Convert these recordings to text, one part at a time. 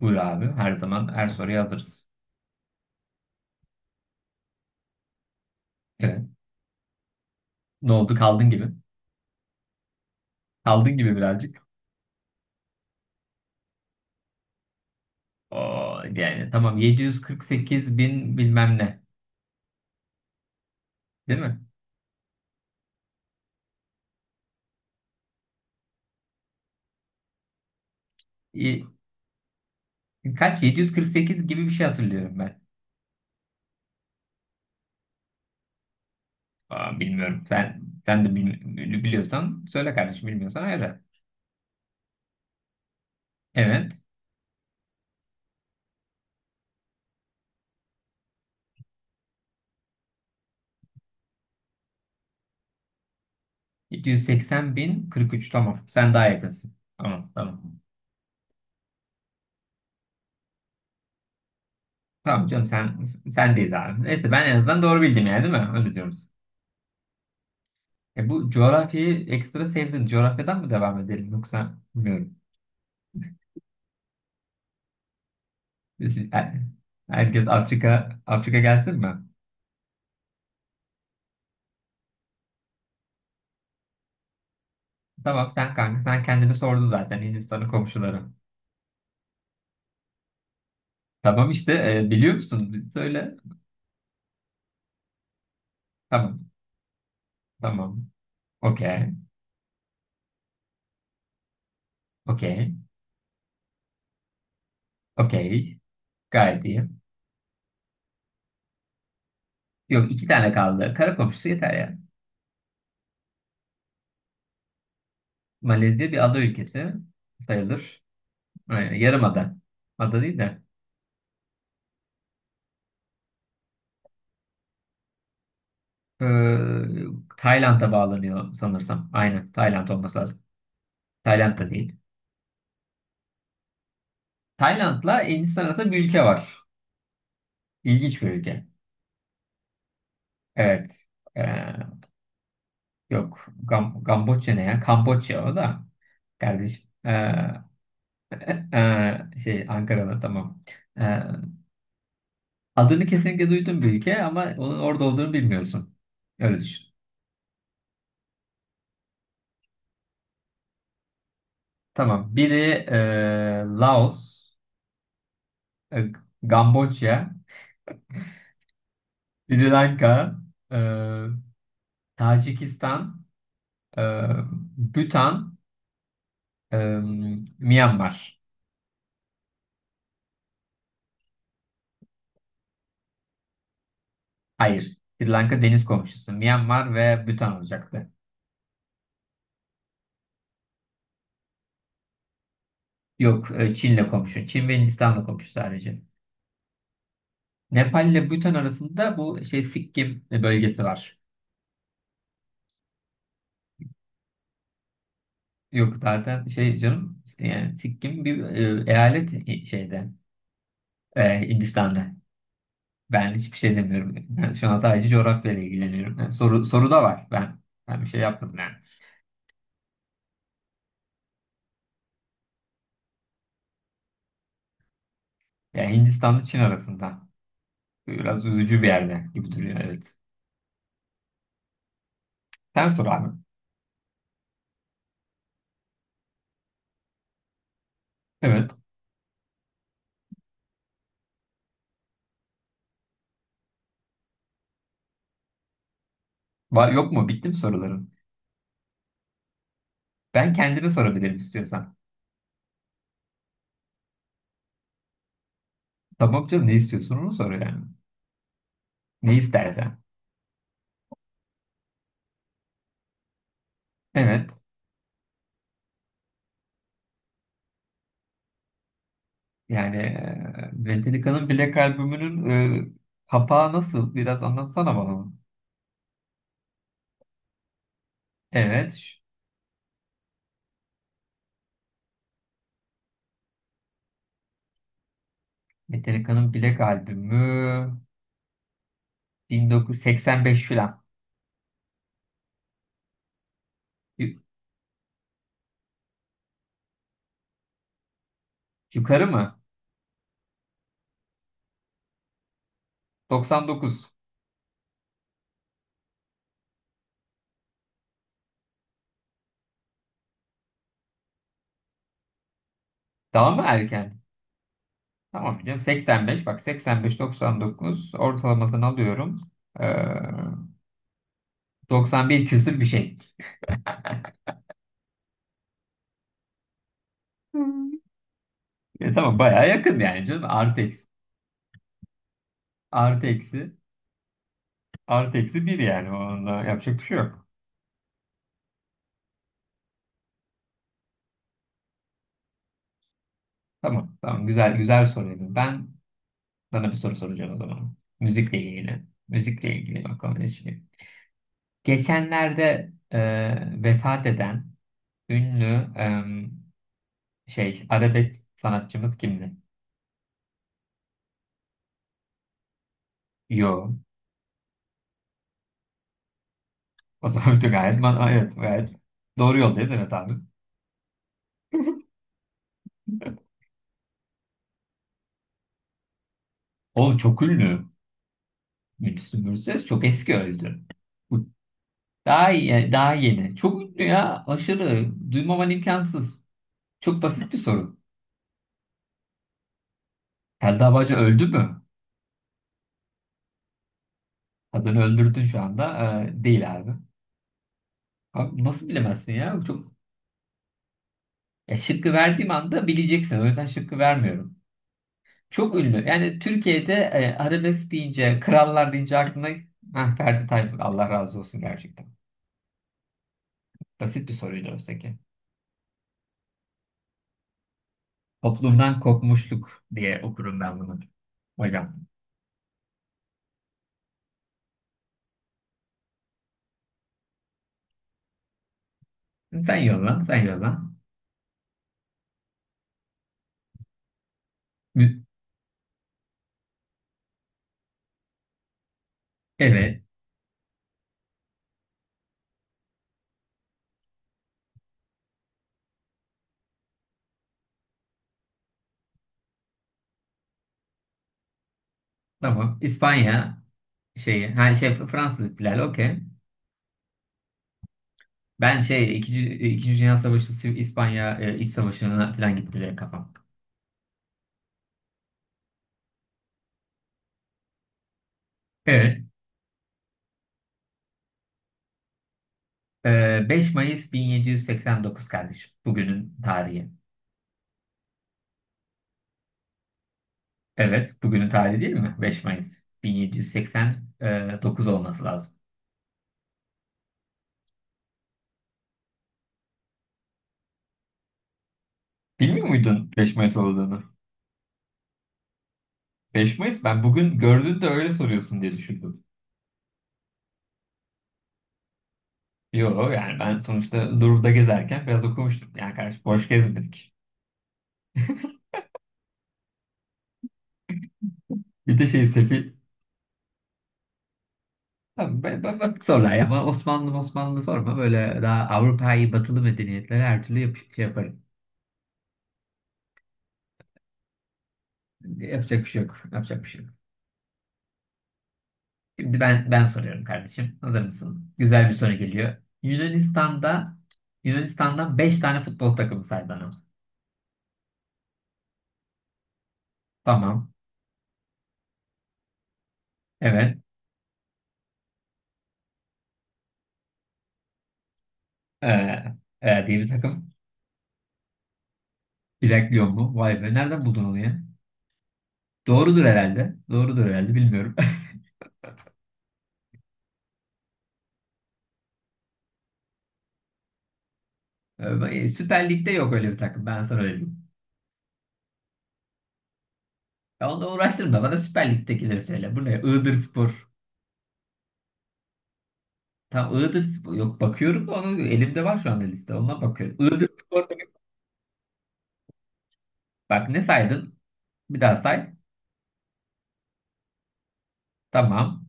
Buyur abi. Her zaman her soruya hazırız. Evet. Ne oldu? Kaldın gibi. Kaldın gibi birazcık. Oo, yani tamam 748 bin bilmem ne. Değil mi? Y- Kaç? 748 gibi bir şey hatırlıyorum ben. Aa, bilmiyorum. Sen de biliyorsan söyle kardeşim. Bilmiyorsan ayrı. Evet. 780 bin 43 tamam. Sen daha yakınsın. Tamam tamam. Tamam canım sendeyiz abi. Neyse ben en azından doğru bildim yani değil mi? Öyle diyoruz. E bu coğrafyayı ekstra sevdin. Coğrafyadan mı devam edelim yoksa bilmiyorum. Biz- her- Herkes Afrika Afrika gelsin mi? Tamam sen kanka sen kendini sordun zaten Hindistan'ın komşuları. Tamam işte biliyor musun? Söyle. Tamam tamam. Okey. Okey. Okey. Gayet iyi. Yok iki tane kaldı. Kara komşusu yeter ya. Malezya bir ada ülkesi sayılır. Aynen, yarım ada. Ada değil de. Ee, Tayland'a bağlanıyor sanırsam. Aynen. Tayland olması lazım. Tayland'da değil. Tayland'la Hindistan arasında bir ülke var. İlginç bir ülke. Evet. Ee, yok. Kamboçya ne ya? Kamboçya o da. Kardeşim. Ankara'da tamam. Ee, adını kesinlikle duydun bir ülke ama onun orada olduğunu bilmiyorsun. Öyle düşün. Tamam. Biri Laos, e, Kamboçya, Sri Lanka, ee, Tacikistan, ee, Bhutan, ee, Myanmar. Hayır. Sri Lanka deniz komşusu. Myanmar ve Bhutan olacaktı. Yok, Çin'le komşu. Çin ve Hindistan'la komşu sadece. Nepal ile Bhutan arasında bu şey Sikkim bölgesi var. Yok zaten şey canım yani Sikkim bir eyalet Hindistan'da. Ben hiçbir şey demiyorum. Ben şu an sadece coğrafyayla ilgileniyorum. Yani soru soru da var. Ben bir şey yapmadım yani. Yani Hindistan'la Çin arasında. Biraz üzücü bir yerde gibi duruyor, evet. Sen sor abi. Evet. Var, yok mu? Bitti mi soruların? Ben kendime sorabilirim istiyorsan. Tamam canım, ne istiyorsun onu sor yani. Ne istersen. Evet. Yani Metallica'nın Black albümünün kapağı nasıl? Biraz anlatsana bana onu. Evet. Metallica'nın Black albümü 1985 falan. Yu- Yukarı mı? 99. Daha mı erken? Tamam canım 85, bak, 85-99 ortalamasını alıyorum. Ee, 91 küsür bir şey. Hmm. Tamam bayağı yakın yani canım. Artı eksi. Artı eksi bir yani. Onda yapacak bir şey yok. Tamam. Tamam. Güzel güzel soruydu. Ben sana bir soru soracağım o zaman. Müzikle ilgili. Müzikle ilgili bakalım ne şey. Geçenlerde vefat eden ünlü arabesk sanatçımız kimdi? Yo. O zaman da gayet, evet, gayet doğru yoldayız, evet abi. Oğlum çok ünlü. Müslüm Gürses çok eski öldü. Bu daha iyi, yani daha yeni. Çok ünlü ya. Aşırı. Duymaman imkansız. Çok basit bir soru. Selda Bağcı öldü mü? Kadını öldürdün şu anda. Değil abi. Abi nasıl bilemezsin ya? Çok. Ya şıkkı verdiğim anda bileceksin. O yüzden şıkkı vermiyorum. Çok ünlü. Yani Türkiye'de arabesk deyince, krallar deyince aklına... Heh, Ferdi Tayfur. Allah razı olsun gerçekten. Basit bir soruydu oysa ki. Toplumdan kopmuşluk diye okurum ben bunu. Hocam. Sen yolla, sen yolla. Mü- Evet. Tamam. İspanya şeyi, her şey Fransız ihtilali, okey. Ben şey ikinci Dünya Savaşı, İspanya İç Savaşı'na falan gitti direkt kafam. Evet. E, 5 Mayıs 1789 kardeşim. Bugünün tarihi. Evet. Bugünün tarihi değil mi? 5 Mayıs 1789 olması lazım. Bilmiyor muydun 5 Mayıs olduğunu? 5 Mayıs, ben bugün gördün de öyle soruyorsun diye düşündüm. Yok yani ben sonuçta Louvre'da gezerken biraz okumuştum. Yani kardeş, boş gezmedik. Bir de sefil, tamam, bak sorular ama Osmanlı Osmanlı sorma, böyle daha Avrupa'yı batılı medeniyetlere her türlü yap yaparım. Yapacak bir şey yok. Yapacak bir şey yok. Şimdi ben soruyorum kardeşim. Hazır mısın? Güzel bir soru geliyor. Yunanistan'da Yunanistan'dan 5 tane futbol takımı say bana. Tamam. Evet. Ee, diye bir takım. Bilekliyor mu? Vay be. Nereden buldun onu ya? Doğrudur herhalde. Doğrudur herhalde. Bilmiyorum. Süper Lig'de yok öyle bir takım. Ben sana öyle diyeyim. Ya onunla uğraştırma. Bana Süper Lig'dekileri söyle. Bu ne? Iğdırspor. Tam Iğdırspor. Yok, bakıyorum da onu, elimde var şu anda liste. Ondan bakıyorum. Iğdırspor. Bak ne saydın? Bir daha say. Tamam.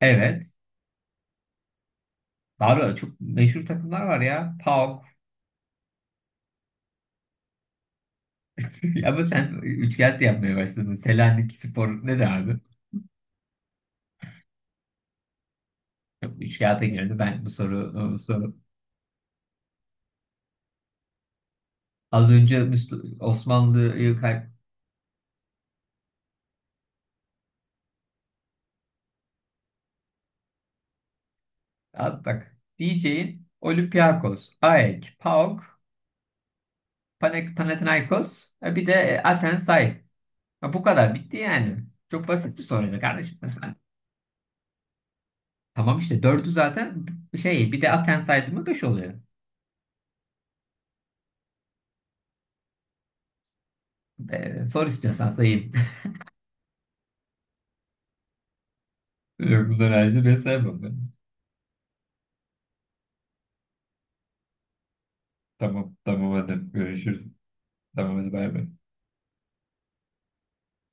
Evet. Var ya, çok meşhur takımlar var ya. PAOK. Ama sen üçkağıt yapmaya başladın. Selanik Spor ne derdi abi? Yok, üçkağıta girdi. Ben bu soru. Az önce Osmanlı'yı kay... Abi bak, diyeceğin Olympiakos, AEK, PAOK, Panathinaikos. Bir de Athensay. Ya bu kadar. Bitti yani. Çok basit bir soruydu kardeşim. Hani Tamam işte. Dördü zaten. Bir de Athensay'dı mı beş oluyor. Sor istiyorsan sayayım. Yok, bunları ayrıca ben sevmem ben. Tamam, tamam hadi görüşürüz. Tamam hadi bay bay.